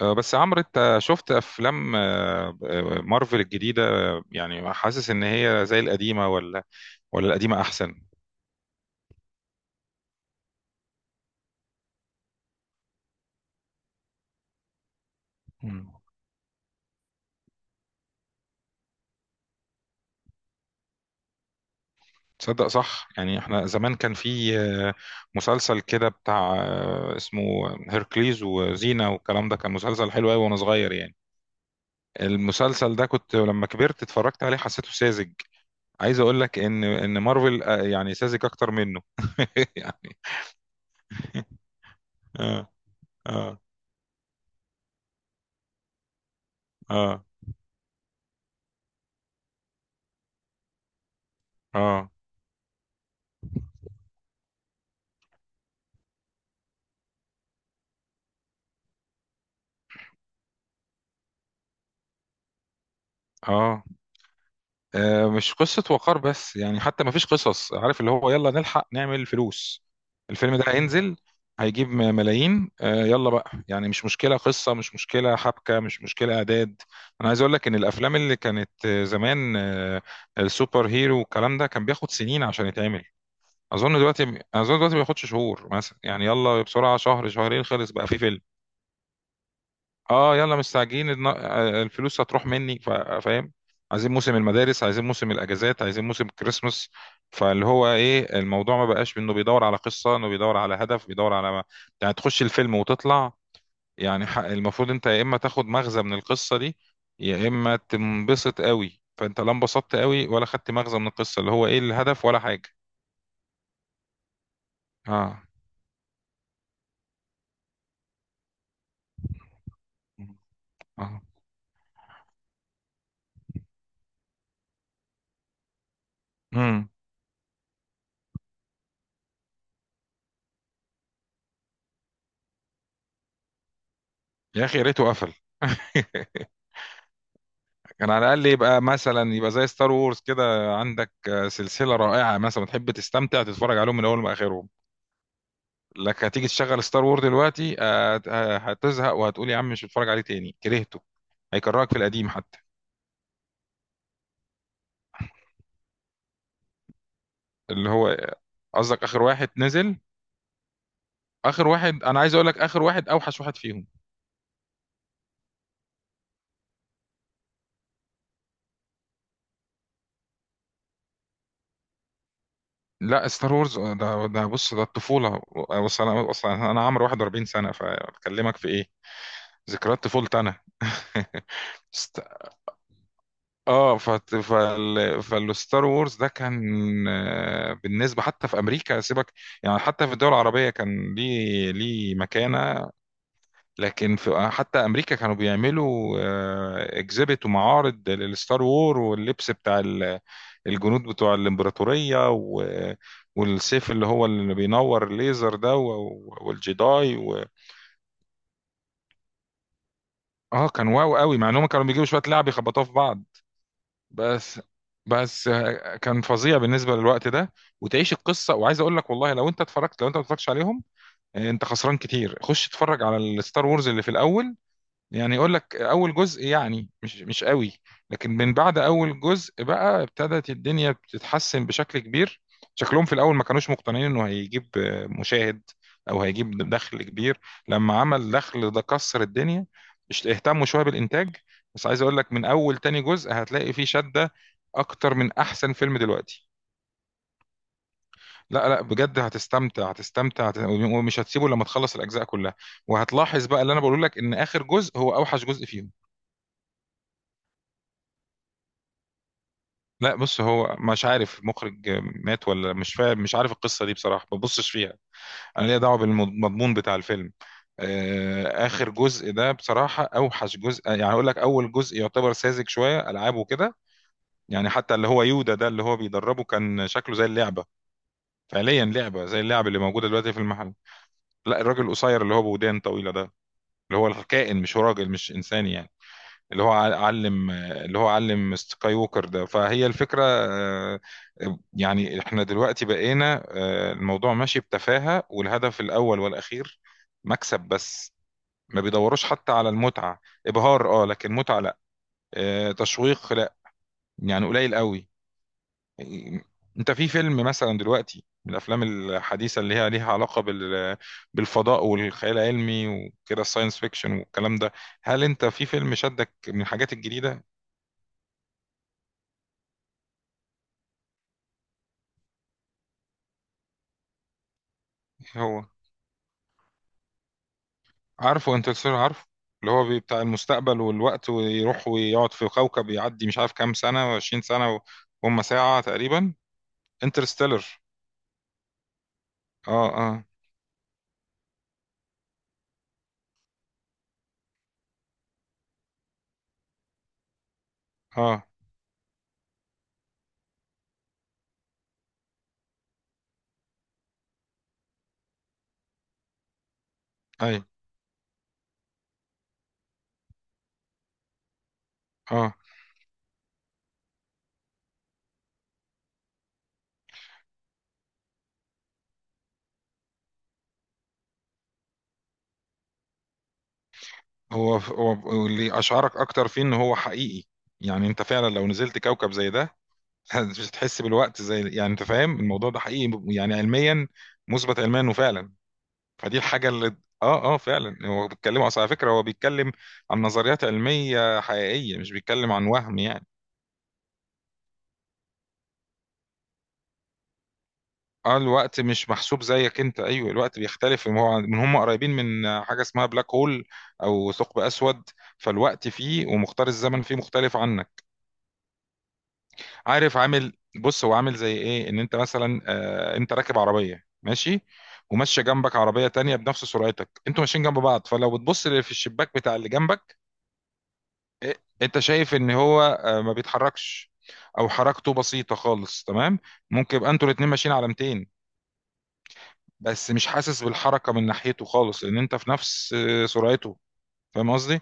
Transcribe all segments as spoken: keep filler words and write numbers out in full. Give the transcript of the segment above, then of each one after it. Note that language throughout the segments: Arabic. آه، بس عمرو، انت شفت افلام آه، آه، مارفل الجديده آه، يعني حاسس ان هي زي القديمه ولا ولا القديمه احسن؟ مم. تصدق صح، يعني احنا زمان كان في آه، مسلسل كده بتاع آه، اسمه هيركليز وزينة والكلام ده، كان مسلسل حلو قوي وانا صغير يعني. المسلسل ده كنت لما كبرت اتفرجت عليه حسيته ساذج. عايز اقول لك ان ان مارفل آه، يعني ساذج اكتر منه يعني. اه. اه. اه. اه. اه. آه، مش قصة وقار بس، يعني حتى ما فيش قصص، عارف اللي هو يلا نلحق نعمل فلوس. الفيلم ده هينزل، هيجيب م- ملايين آه، يلا بقى يعني، مش مشكلة قصة، مش مشكلة حبكة، مش مشكلة إعداد. أنا عايز أقول لك إن الأفلام اللي كانت آه، زمان آه، السوبر هيرو والكلام ده، كان بياخد سنين عشان يتعمل. أظن دلوقتي أظن دلوقتي ما بياخدش شهور مثلا، يعني يلا بسرعة شهر شهرين خلص بقى في فيلم. اه، يلا مستعجلين الن- آه، الفلوس هتروح مني، فا- فاهم. عايزين موسم المدارس، عايزين موسم الاجازات، عايزين موسم الكريسماس. فاللي هو ايه الموضوع، ما بقاش انه بيدور على قصه، انه بيدور على هدف، بيدور على ما... يعني تخش الفيلم وتطلع. يعني ح- المفروض انت يا اما تاخد مغزى من القصه دي، يا اما تنبسط قوي. فانت لا انبسطت قوي ولا خدت مغزى من القصه، اللي هو ايه الهدف ولا حاجه. اه. اه. امم. يا اخي يا ريته قفل. كان على الاقل يبقى مثلا، يبقى زي ستار وورز كده، عندك آه، سلسله رائعه مثلا تحب تستمتع تتفرج عليهم من اول لاخرهم. لك هتيجي تشغل ستار وورز دلوقتي آه، آه، هتزهق وهتقول يا عم، مش هتفرج عليه تاني كرهته. هيكرهك في القديم حتى. اللي هو آه، قصدك اخر واحد نزل؟ اخر واحد، انا عايز اقول لك اخر واحد اوحش واحد فيهم. لا، ستار وورز آه، ده ده بص، ده الطفوله. آه، بص، انا اصلا انا عمري واحد واربعين سنه، فبكلمك في ايه؟ ذكريات طفولتي انا. اه، فت... فال... فالستار وورز ده كان آه، بالنسبه حتى في امريكا، سيبك. يعني حتى في الدول العربيه كان ليه ليه مكانه. لكن في آه، حتى امريكا كانوا بيعملوا اكزيبت ومعارض للستار وور، واللبس بتاع ال- الجنود بتوع الامبراطوريه، و... والسيف اللي هو اللي بينور الليزر ده، و... والجداي. و... اه، كان واو قوي، مع انهم كانوا بيجيبوا شويه لعب يخبطوها في بعض. بس. بس آه، كان فظيع بالنسبه للوقت ده، وتعيش القصه. وعايز اقول لك والله لو انت اتفرجت، لو انت ما اتفرجتش عليهم، آه، انت خسران كتير، خش اتفرج على الستار وورز اللي في الاول. يعني يقول لك اول جزء يعني مش مش قوي. لكن من بعد اول جزء بقى، ابتدت الدنيا بتتحسن بشكل كبير. شكلهم في الاول ما كانوش مقتنعين انه هيجيب مشاهد، او هيجيب دخل كبير. لما عمل دخل ده كسر الدنيا. مش اهتموا شويه بالانتاج. بس عايز اقول لك من اول تاني جزء هتلاقي فيه شده اكتر من احسن فيلم دلوقتي. لا، لا، بجد هتستمتع هتستمتع هت- ومش هتسيبه لما تخلص الاجزاء كلها. وهتلاحظ بقى اللي انا بقول لك، ان اخر جزء هو اوحش جزء فيهم. لا، بص هو مش عارف المخرج مات ولا مش فاهم، مش عارف القصه دي بصراحه، ما ببصش فيها. انا ليا دعوه بالمضمون بتاع الفيلم. آه، اخر جزء ده بصراحه اوحش جزء. يعني اقول لك اول جزء يعتبر ساذج شويه، العابه كده. يعني حتى اللي هو يودا ده اللي هو بيدربه، كان شكله زي اللعبه. فعليا لعبه زي اللعبه اللي موجوده دلوقتي في المحل. لا، الراجل القصير اللي هو بودان طويله ده. اللي هو الكائن، مش هو راجل، مش انسان يعني. اللي هو ع- علم اللي هو علم سكاي ووكر ده، فهي الفكرة آه، يعني احنا دلوقتي بقينا آه، الموضوع ماشي بتفاهة، والهدف الأول والأخير مكسب بس. ما بيدوروش حتى على المتعة. إبهار اه، لكن متعة لا. آه، تشويق لا، يعني قليل قوي. انت في فيلم مثلا دلوقتي من الافلام الحديثه اللي هي ليها علاقه بال بالفضاء والخيال العلمي وكده، الساينس فيكشن والكلام ده، هل انت في فيلم شدك من الحاجات الجديده؟ إيه هو؟ عارفه انترستيلر؟ عارفه. اللي هو بي- بتاع المستقبل والوقت، ويروح ويقعد في كوكب يعدي مش عارف كام سنة وعشرين سنة، وهم ساعة تقريبا. انترستيلر. اه. اه. اه. اي. اه. هو هو اللي اشعرك اكتر فيه ان هو حقيقي. يعني انت فعلا لو نزلت كوكب زي ده مش هتحس بالوقت، زي يعني انت فاهم، الموضوع ده حقيقي يعني علميا، مثبت علميا انه فعلا. فدي الحاجة اللي... اه، اه، فعلا. هو بيتكلم اصلا، على فكرة هو بيتكلم عن نظريات علمية حقيقية، مش بيتكلم عن وهم يعني. اه، الوقت مش محسوب زيك انت، ايوه، الوقت بيختلف إن هو من هم قريبين من حاجه اسمها بلاك هول، او ثقب اسود. فالوقت فيه، ومختار الزمن فيه مختلف عنك. عارف عامل؟ بص، هو عامل زي ايه، ان انت مثلا آه انت راكب عربيه ماشي، وماشيه جنبك عربيه تانية بنفس سرعتك، انتوا ماشيين جنب بعض، فلو بتبص في الشباك بتاع اللي جنبك، إيه؟ انت شايف ان هو آه ما بيتحركش، او حركته بسيطه خالص، تمام. ممكن يبقى انتوا الاتنين ماشيين على ميتين، بس مش حاسس بالحركه من ناحيته خالص، لان انت في نفس آه، سرعته. فاهم قصدي؟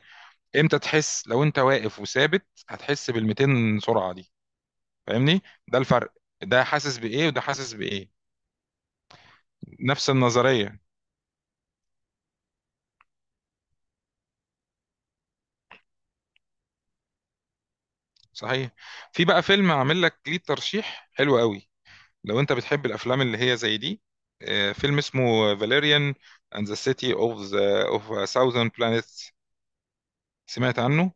امتى تحس؟ لو انت واقف وثابت هتحس بال مئتين سرعه دي. فاهمني؟ ده الفرق. ده حاسس بايه وده حاسس بايه. نفس النظريه. صحيح. في بقى فيلم عامل لك ليه ترشيح حلو قوي، لو انت بتحب الافلام اللي هي زي دي. آه، فيلم اسمه فاليريان اند ذا سيتي اوف ذا اوف ا ثاوزند بلانيتس. سمعت عنه؟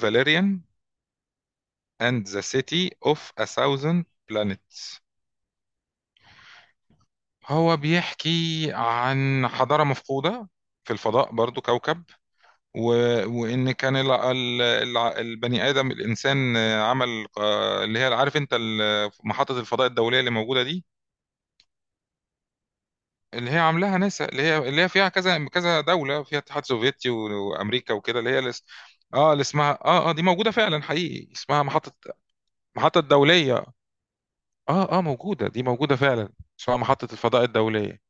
فاليريان اند ذا سيتي اوف ا ثاوزند بلانيتس. هو بيحكي عن حضارة مفقودة في الفضاء، برضو كوكب. و... وإن كان ال... ال... ال- البني آدم الإنسان آه، عمل آه، اللي هي عارف أنت ال- محطة الفضاء الدولية اللي موجودة دي، اللي هي عاملاها ناسا، اللي هي اللي هي فيها كذا كذا دولة، فيها الاتحاد السوفيتي و... وأمريكا وكده، اللي هي الاس... اه، اللي اسمها، اه، اه، دي موجودة فعلا، حقيقي اسمها محطة، محطة دولية. اه، اه، موجودة، دي موجودة فعلا. اسمها محطة الفضاء الدولية.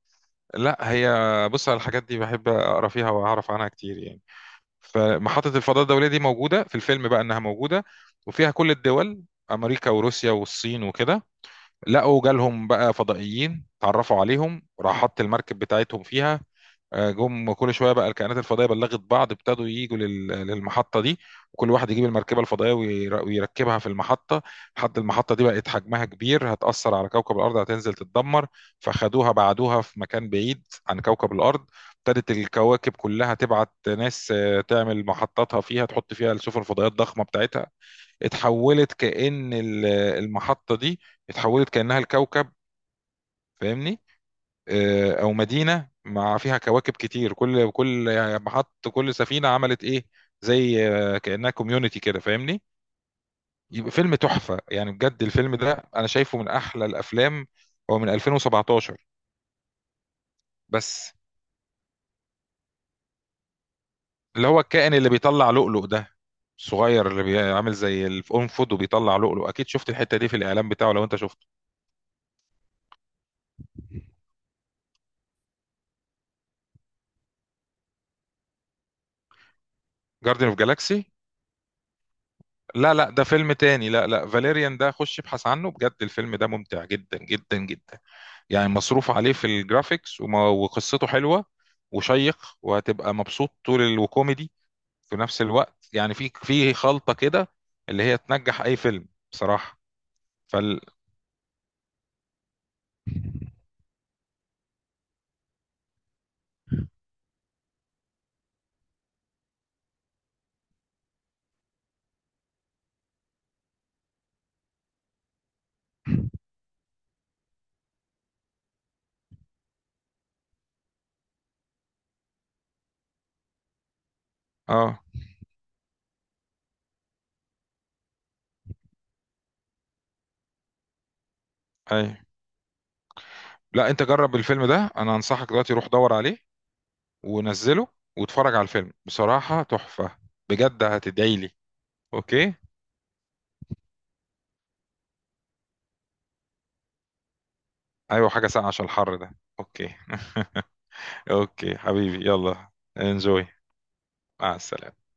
لا، هي بص، على الحاجات دي بحب اقرا فيها واعرف عنها كتير يعني. فمحطة الفضاء الدولية دي موجودة في الفيلم، بقى انها موجودة، وفيها كل الدول: امريكا وروسيا والصين وكده. لقوا جالهم بقى فضائيين، اتعرفوا عليهم، راح حط المركب بتاعتهم فيها. آه، جم كل شويه بقى، الكائنات الفضائيه بلغت بعض، ابتدوا يجوا لل- للمحطه دي. وكل واحد يجيب المركبه الفضائيه وير- ويركبها في المحطه. لحد المحطه دي بقت حجمها كبير، هتاثر على كوكب الارض، هتنزل تتدمر. فخدوها، بعدوها في مكان بعيد عن كوكب الارض. ابتدت الكواكب كلها تبعت ناس آه، تعمل محطاتها فيها، تحط فيها السفن الفضائيه الضخمه بتاعتها. اتحولت كأن ال- المحطه دي اتحولت كأنها الكوكب. فاهمني؟ آه، او مدينه، مع فيها كواكب كتير، كل كل يعني محط، كل سفينه عملت ايه، زي آه، كانها كوميونتي كده. فاهمني؟ يبقى فيلم تحفه يعني، بجد الفيلم ده انا شايفه من احلى الافلام. هو من ألفين وسبعة عشر. بس اللي هو الكائن اللي بيطلع لؤلؤ ده، الصغير اللي بيعمل زي الانفود وبيطلع لؤلؤ، اكيد شفت الحته دي في الاعلان بتاعه لو انت شفته. جاردن اوف جالاكسي. لا، لا، ده فيلم تاني. لا، لا، فاليريان ده خش ابحث عنه. بجد الفيلم ده ممتع جدا جدا جدا، يعني مصروف عليه في الجرافيكس، وما- وقصته حلوة، وشيق، وهتبقى مبسوط طول ال- وكوميدي في نفس الوقت يعني، في في خلطة كده، اللي هي تنجح أي فيلم بصراحة. فال اه. اي. لا، انت جرب الفيلم ده، انا انصحك دلوقتي، روح دور عليه، ونزله، واتفرج على الفيلم، بصراحة تحفة. بجد هتدعي لي. اوكي. ايوه، حاجة ساقعة عشان الحر ده. اوكي. اوكي حبيبي، يلا. انجوي. مع السلامة.